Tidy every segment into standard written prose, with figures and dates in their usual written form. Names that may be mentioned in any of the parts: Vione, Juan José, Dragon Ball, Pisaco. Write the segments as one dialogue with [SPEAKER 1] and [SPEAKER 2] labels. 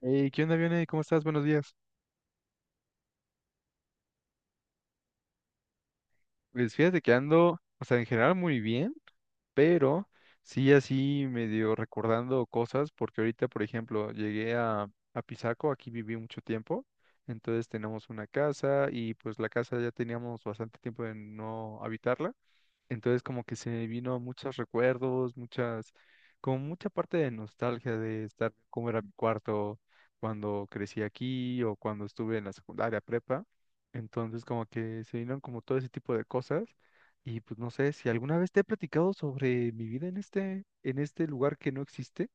[SPEAKER 1] Hey, ¿qué onda, Vione? ¿Cómo estás? Buenos días. Pues fíjate que ando, o sea, en general muy bien, pero sí así medio recordando cosas, porque ahorita, por ejemplo, llegué a Pisaco, aquí viví mucho tiempo. Entonces tenemos una casa y pues la casa ya teníamos bastante tiempo de no habitarla. Entonces como que se me vino muchos recuerdos, como mucha parte de nostalgia de estar, cómo era mi cuarto cuando crecí aquí o cuando estuve en la secundaria prepa. Entonces como que se vinieron como todo ese tipo de cosas. Y pues no sé si alguna vez te he platicado sobre mi vida en este lugar que no existe.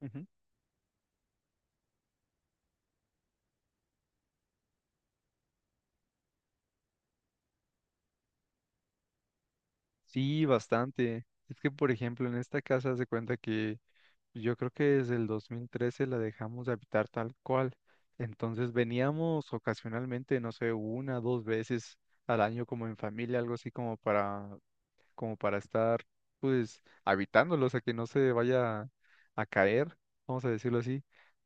[SPEAKER 1] Ujú. Sí, bastante. Es que, por ejemplo, en esta casa se cuenta que yo creo que desde el 2013 la dejamos de habitar tal cual. Entonces veníamos ocasionalmente, no sé, una, dos veces al año como en familia, algo así como para, estar pues habitándolos a que no se vaya a caer, vamos a decirlo así.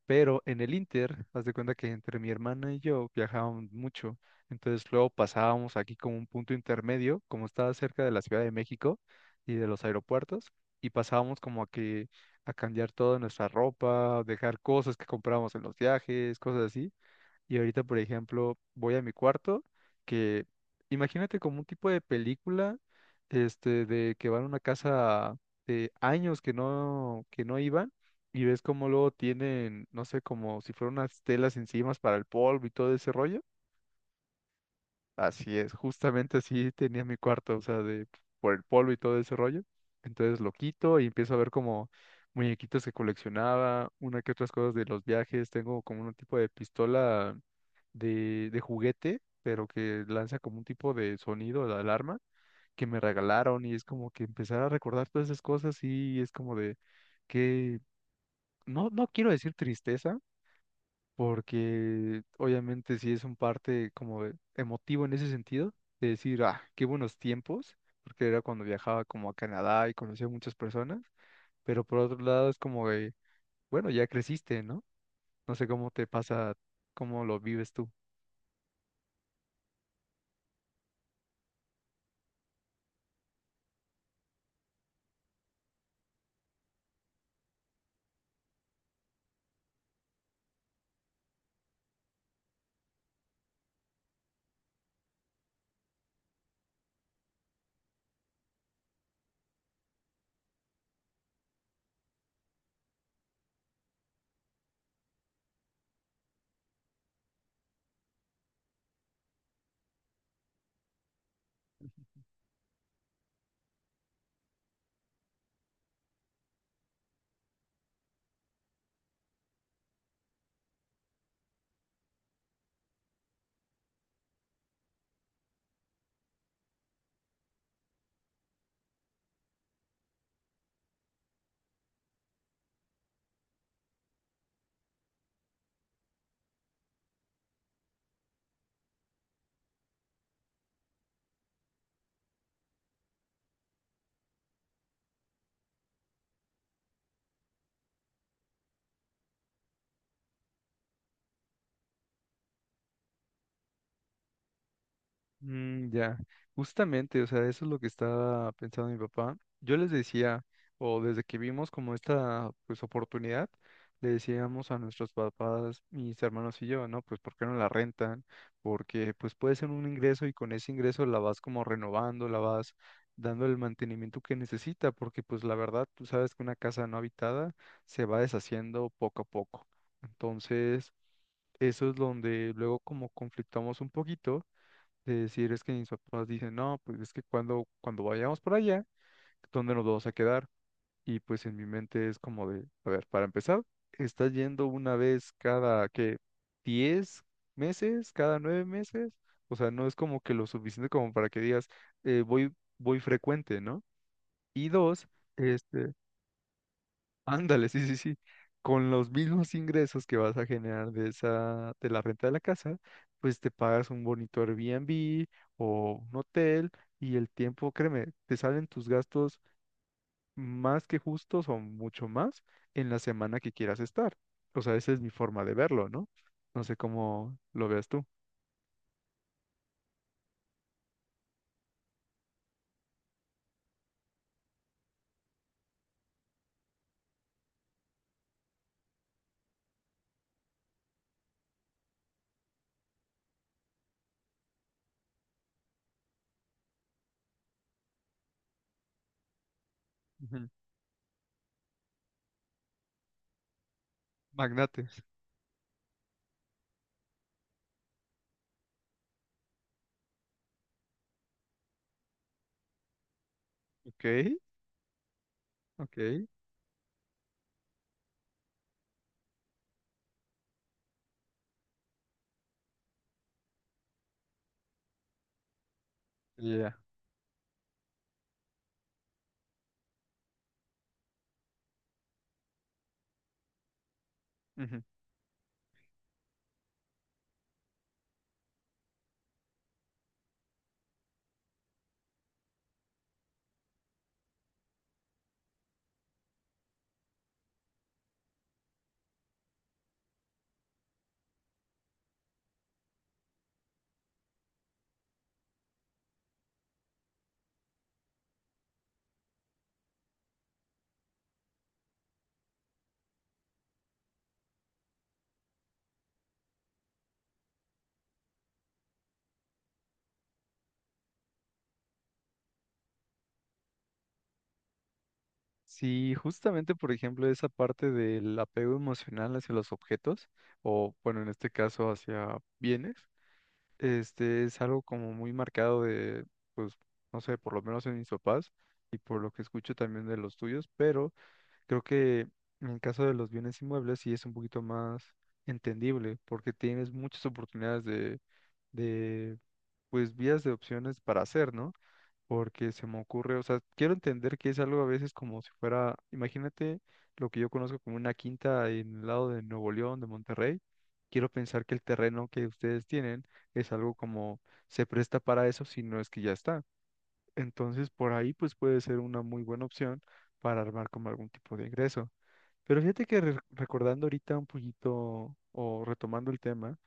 [SPEAKER 1] Pero en el Inter, haz de cuenta que entre mi hermana y yo viajábamos mucho, entonces luego pasábamos aquí como un punto intermedio, como estaba cerca de la Ciudad de México y de los aeropuertos, y pasábamos como a cambiar toda nuestra ropa, dejar cosas que comprábamos en los viajes, cosas así. Y ahorita, por ejemplo, voy a mi cuarto, que, imagínate, como un tipo de película, este, de que van a una casa de años que no iban, y ves como luego tienen, no sé, como si fueran unas telas encima para el polvo y todo ese rollo. Así es, justamente así tenía mi cuarto, o sea, de por el polvo y todo ese rollo. Entonces lo quito y empiezo a ver como muñequitos que coleccionaba, una que otras cosas de los viajes, tengo como un tipo de pistola de juguete, pero que lanza como un tipo de sonido de alarma que me regalaron, y es como que empezar a recordar todas esas cosas, y es como de que no, no quiero decir tristeza, porque obviamente sí es un parte como emotivo en ese sentido, de decir, ah, qué buenos tiempos, porque era cuando viajaba como a Canadá y conocía a muchas personas, pero por otro lado es como de, bueno, ya creciste, ¿no? No sé cómo te pasa, cómo lo vives tú. Mm, ya, justamente, o sea, eso es lo que estaba pensando mi papá. Yo les decía, o desde que vimos como esta, pues, oportunidad, le decíamos a nuestros papás, mis hermanos y yo, ¿no? Pues, ¿por qué no la rentan? Porque, pues, puede ser un ingreso y con ese ingreso la vas como renovando, la vas dando el mantenimiento que necesita, porque, pues, la verdad, tú sabes que una casa no habitada se va deshaciendo poco a poco. Entonces, eso es donde luego como conflictamos un poquito, de decir, es que mis papás dicen, no, pues es que cuando vayamos por allá, ¿dónde nos vamos a quedar? Y pues en mi mente es como de, a ver, para empezar, estás yendo una vez cada, ¿qué?, 10 meses, cada 9 meses. O sea, no es como que lo suficiente como para que digas, voy frecuente, ¿no? Y dos, este, ándale, sí, sí, sí. Con los mismos ingresos que vas a generar de la renta de la casa, pues te pagas un bonito Airbnb o un hotel, y el tiempo, créeme, te salen tus gastos más que justos, o mucho más, en la semana que quieras estar. O sea, esa es mi forma de verlo, ¿no? No sé cómo lo veas tú. Ujú. Magnate. Ok, ok, ya. Ujú. Sí, justamente, por ejemplo, esa parte del apego emocional hacia los objetos, o bueno, en este caso hacia bienes, este es algo como muy marcado de, pues, no sé, por lo menos en mis papás y por lo que escucho también de los tuyos, pero creo que en el caso de los bienes inmuebles sí es un poquito más entendible porque tienes muchas oportunidades de, pues, vías de opciones para hacer, ¿no? Porque se me ocurre, o sea, quiero entender que es algo a veces como si fuera, imagínate, lo que yo conozco como una quinta en el lado de Nuevo León, de Monterrey. Quiero pensar que el terreno que ustedes tienen es algo como, se presta para eso, si no es que ya está. Entonces, por ahí pues puede ser una muy buena opción para armar como algún tipo de ingreso. Pero fíjate que recordando ahorita un poquito, o retomando el tema,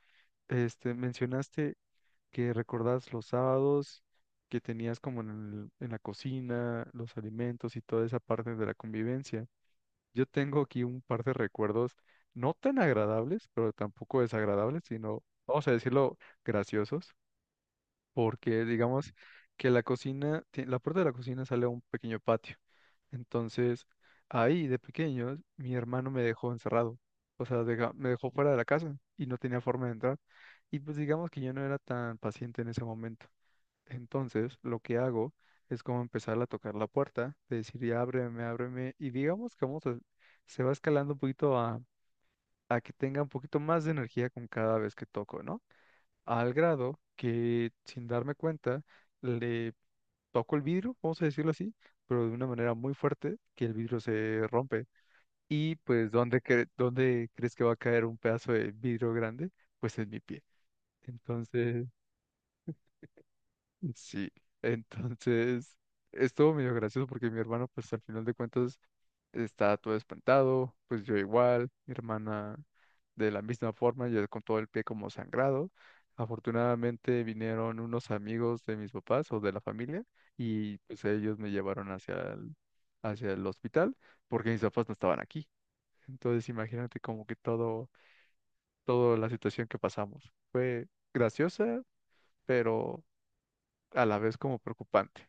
[SPEAKER 1] este, mencionaste que recordás los sábados que tenías como en la cocina, los alimentos y toda esa parte de la convivencia. Yo tengo aquí un par de recuerdos no tan agradables, pero tampoco desagradables, sino, vamos a decirlo, graciosos, porque digamos que la cocina, la puerta de la cocina sale a un pequeño patio. Entonces, ahí de pequeño, mi hermano me dejó encerrado. O sea, me dejó fuera de la casa y no tenía forma de entrar. Y pues digamos que yo no era tan paciente en ese momento. Entonces, lo que hago es como empezar a tocar la puerta, de decir, ya ábreme, ábreme, y digamos que, se va escalando un poquito a que tenga un poquito más de energía con cada vez que toco, ¿no? Al grado que, sin darme cuenta, le toco el vidrio, vamos a decirlo así, pero de una manera muy fuerte, que el vidrio se rompe. Y pues, ¿dónde crees que va a caer un pedazo de vidrio grande? Pues en mi pie. Entonces, sí, entonces estuvo medio gracioso porque mi hermano, pues al final de cuentas, está todo espantado, pues yo igual, mi hermana de la misma forma, yo con todo el pie como sangrado. Afortunadamente vinieron unos amigos de mis papás o de la familia y pues ellos me llevaron hacia el, hospital, porque mis papás no estaban aquí. Entonces imagínate como que toda la situación que pasamos. Fue graciosa, pero a la vez como preocupante.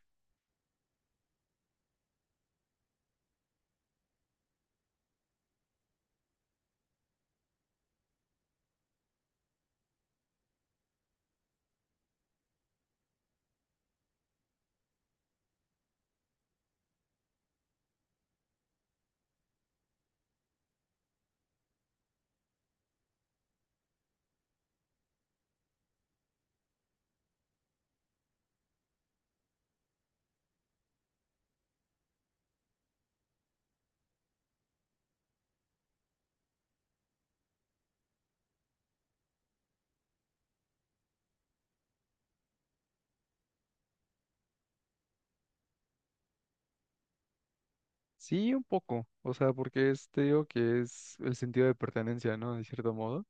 [SPEAKER 1] Sí, un poco, o sea, porque es, te digo que es el sentido de pertenencia, ¿no? De cierto modo,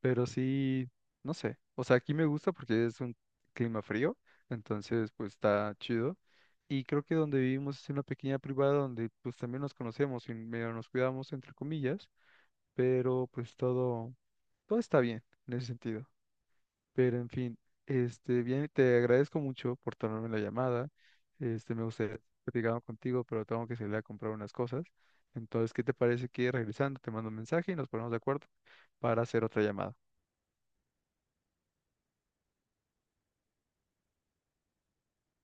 [SPEAKER 1] pero sí, no sé, o sea, aquí me gusta porque es un clima frío, entonces pues está chido, y creo que donde vivimos es una pequeña privada donde pues también nos conocemos y medio nos cuidamos, entre comillas, pero pues todo, está bien en ese sentido. Pero en fin, este, bien, te agradezco mucho por tomarme la llamada. Este, me gustaría haber platicado contigo, pero tengo que salir a comprar unas cosas. Entonces, ¿qué te parece que regresando te mando un mensaje y nos ponemos de acuerdo para hacer otra llamada?